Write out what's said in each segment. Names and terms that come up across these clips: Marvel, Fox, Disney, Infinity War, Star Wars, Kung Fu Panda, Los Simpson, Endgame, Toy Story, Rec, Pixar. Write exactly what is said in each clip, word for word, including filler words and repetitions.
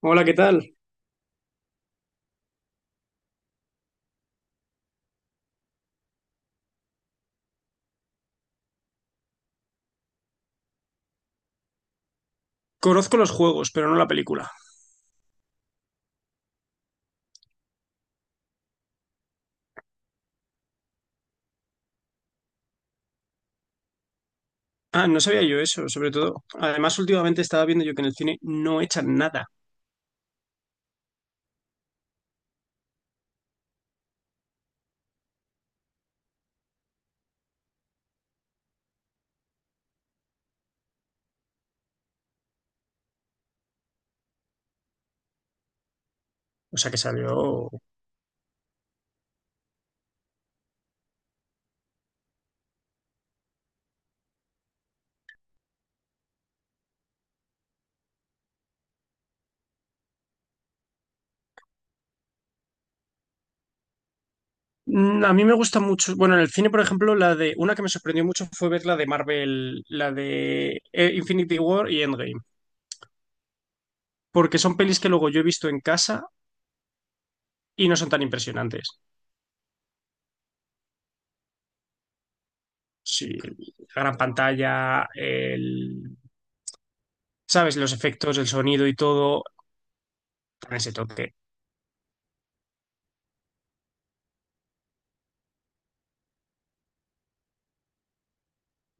Hola, ¿qué tal? Conozco los juegos, pero no la película. Ah, no sabía yo eso, sobre todo. Además, últimamente estaba viendo yo que en el cine no echan nada. O sea, que salió... Mm, A mí me gusta mucho... Bueno, en el cine, por ejemplo, la de... Una que me sorprendió mucho fue ver la de Marvel, la de eh, Infinity War y Endgame. Porque son pelis que luego yo he visto en casa y no son tan impresionantes. Sí, la gran pantalla, el... ¿Sabes? Los efectos, el sonido y todo. Con ese toque.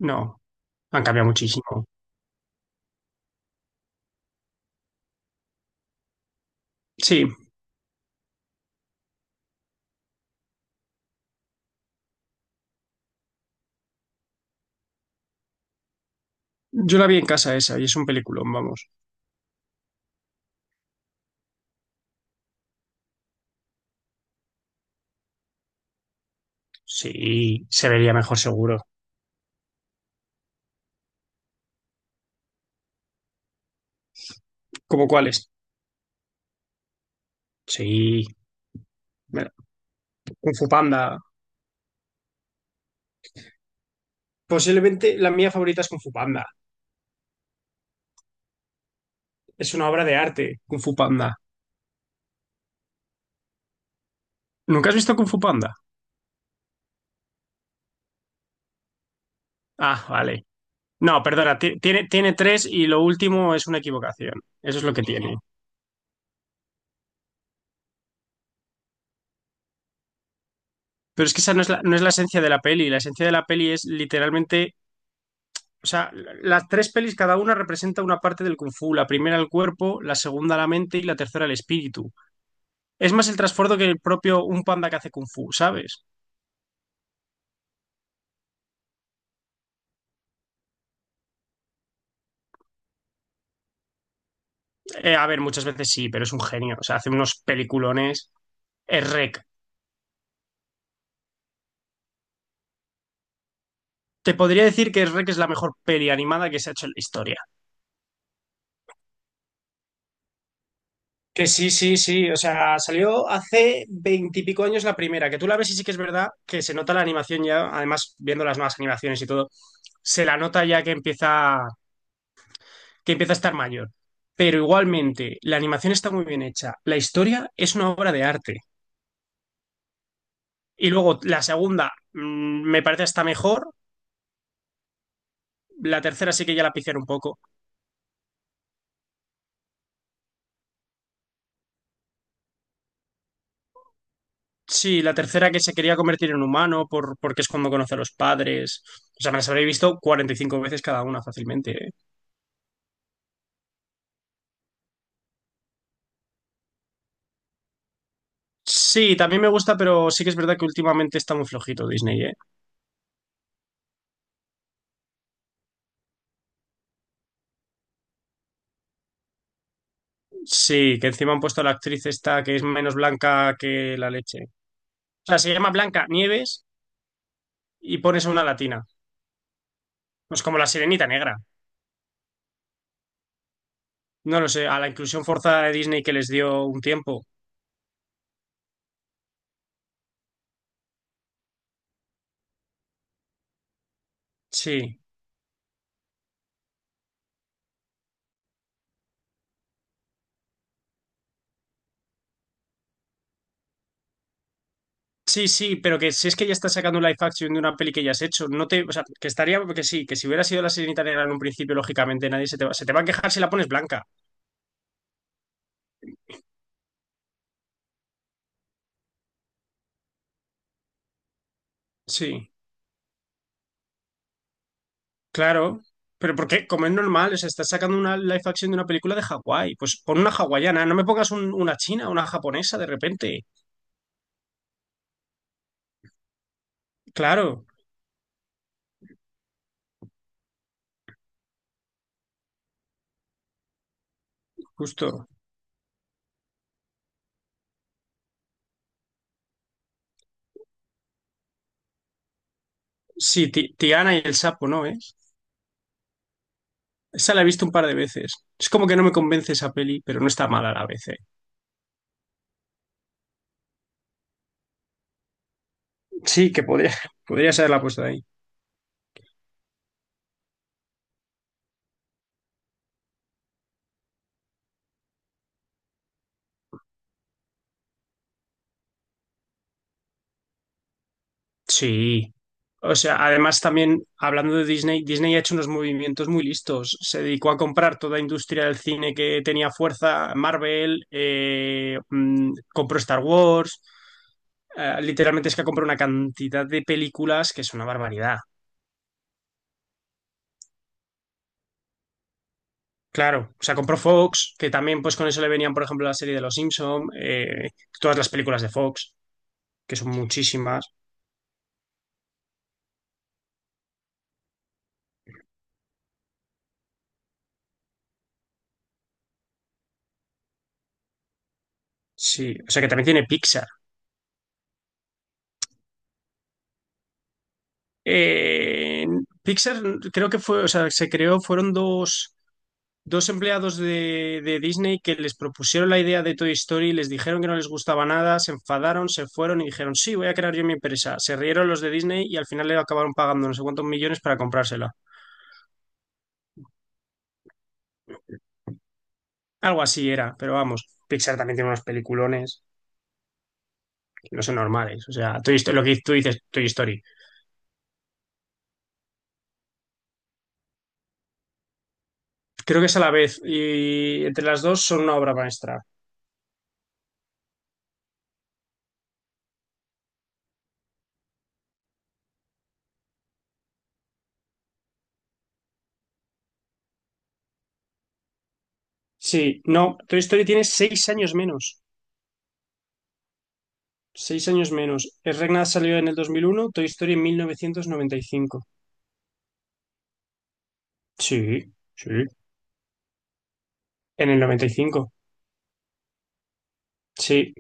No, han cambiado muchísimo. Sí, Yo la vi en casa esa y es un peliculón, vamos. Sí, se vería mejor seguro. ¿Cómo cuáles? Sí, Mira, Kung Fu Panda. Posiblemente la mía favorita es Kung Fu Panda. Es una obra de arte, Kung Fu Panda. ¿Nunca has visto Kung Fu Panda? Ah, vale. No, perdona, ti- tiene, tiene tres y lo último es una equivocación. Eso es lo que tiene. Pero es que esa no es la, no es la esencia de la peli. La esencia de la peli es literalmente, o sea, la- las tres pelis cada una representa una parte del kung fu. La primera el cuerpo, la segunda la mente y la tercera el espíritu. Es más el trasfondo que el propio un panda que hace kung fu, ¿sabes? Eh, a ver, muchas veces sí, pero es un genio. O sea, hace unos peliculones. Es Rec. Te podría decir que Rec es la mejor peli animada que se ha hecho en la historia. Que sí, sí, sí. O sea, salió hace veintipico años la primera. Que tú la ves y sí que es verdad que se nota la animación ya. Además, viendo las nuevas animaciones y todo, se la nota ya que empieza, que empieza a estar mayor. Pero igualmente, la animación está muy bien hecha. La historia es una obra de arte. Y luego la segunda mm, me parece hasta mejor. La tercera sí que ya la pifiaron un poco. Sí, la tercera que se quería convertir en humano por, porque es cuando conoce a los padres. O sea, me las habré visto cuarenta y cinco veces cada una fácilmente, ¿eh? Sí, también me gusta, pero sí que es verdad que últimamente está muy flojito Disney, ¿eh? Sí, que encima han puesto a la actriz esta que es menos blanca que la leche. O sea, se llama Blanca Nieves y pones a una latina. No Es como la sirenita negra. No lo sé, a la inclusión forzada de Disney que les dio un tiempo. Sí. Sí, sí, pero que si es que ya está sacando un live action de una peli que ya has hecho, no te, o sea, que estaría, que sí, que si hubiera sido la Sirenita negra en un principio, lógicamente nadie se te va, se te va a quejar si la pones blanca. Sí, claro. Pero porque, como es normal, o sea, estás sacando una live action de una película de Hawái, pues pon una hawaiana, no me pongas un- una china, una japonesa de repente. Claro, justo. Sí, Ti- Tiana y el sapo, ¿no es? Esa la he visto un par de veces. Es como que no me convence esa peli, pero no está mala a la vez, ¿eh? Sí, que podría, podría ser la puesta ahí. Sí. O sea, además también hablando de Disney, Disney ha hecho unos movimientos muy listos. Se dedicó a comprar toda industria del cine que tenía fuerza, Marvel, eh, mm, compró Star Wars. Eh, literalmente es que ha comprado una cantidad de películas que es una barbaridad. Claro, o sea, compró Fox, que también pues con eso le venían, por ejemplo, la serie de Los Simpson, eh, todas las películas de Fox, que son muchísimas. Sí, o sea, que también tiene Pixar. Eh, Pixar creo que fue, o sea, se creó, fueron dos, dos empleados de, de Disney que les propusieron la idea de Toy Story, les dijeron que no les gustaba nada, se enfadaron, se fueron y dijeron, sí, voy a crear yo mi empresa. Se rieron los de Disney y al final le acabaron pagando no sé cuántos millones para comprársela. Algo así era, pero vamos, Pixar también tiene unos peliculones que no son normales. O sea, Toy Story- lo que tú dices, Toy Story. Creo que es a la vez y entre las dos son una obra maestra. Sí, no, Toy Story tiene seis años menos. Seis años menos. Es Regnat salió en el dos mil uno, Toy Story en mil novecientos noventa y cinco. Sí, sí. En el noventa y cinco. Sí,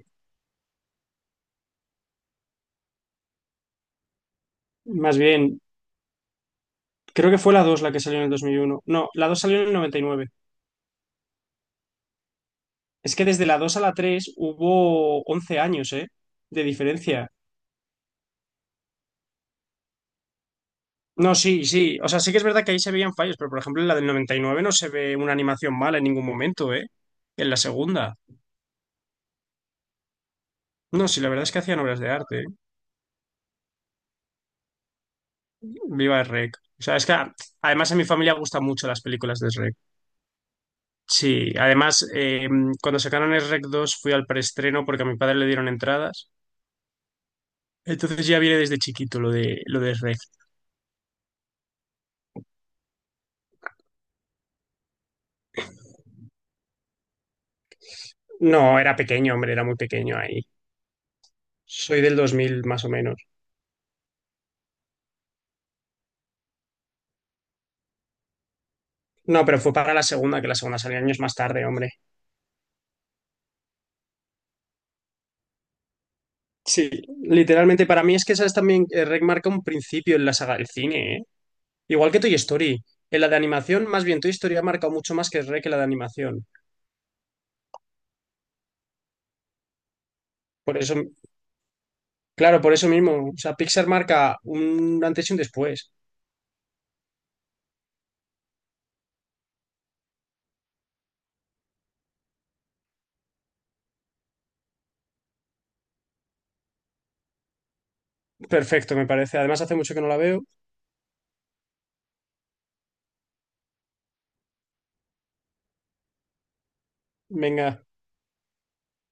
más bien. Creo que fue la dos la que salió en el dos mil uno. No, la dos salió en el noventa y nueve. Es que desde la dos a la tres hubo once años, ¿eh? De diferencia. No, sí, sí. O sea, sí que es verdad que ahí se veían fallos, pero por ejemplo en la del noventa y nueve no se ve una animación mala en ningún momento, ¿eh? En la segunda. No, sí, la verdad es que hacían obras de arte, ¿eh? Viva el REC. O sea, es que además a mi familia gustan mucho las películas de REC. Sí, además, eh, cuando sacaron el REC dos fui al preestreno porque a mi padre le dieron entradas. Entonces ya viene desde chiquito lo de lo de REC. No, era pequeño, hombre, era muy pequeño ahí. Soy del dos mil más o menos. No, pero fue para la segunda, que la segunda salió años más tarde, hombre. Sí, literalmente para mí es que sabes también eh, REC marca un principio en la saga del cine, ¿eh? Igual que Toy Story. En la de animación, más bien Toy Story ha marcado mucho más que REC en la de animación. Por eso, claro, por eso mismo. O sea, Pixar marca un antes y un después. Perfecto, me parece. Además, hace mucho que no la veo. Venga,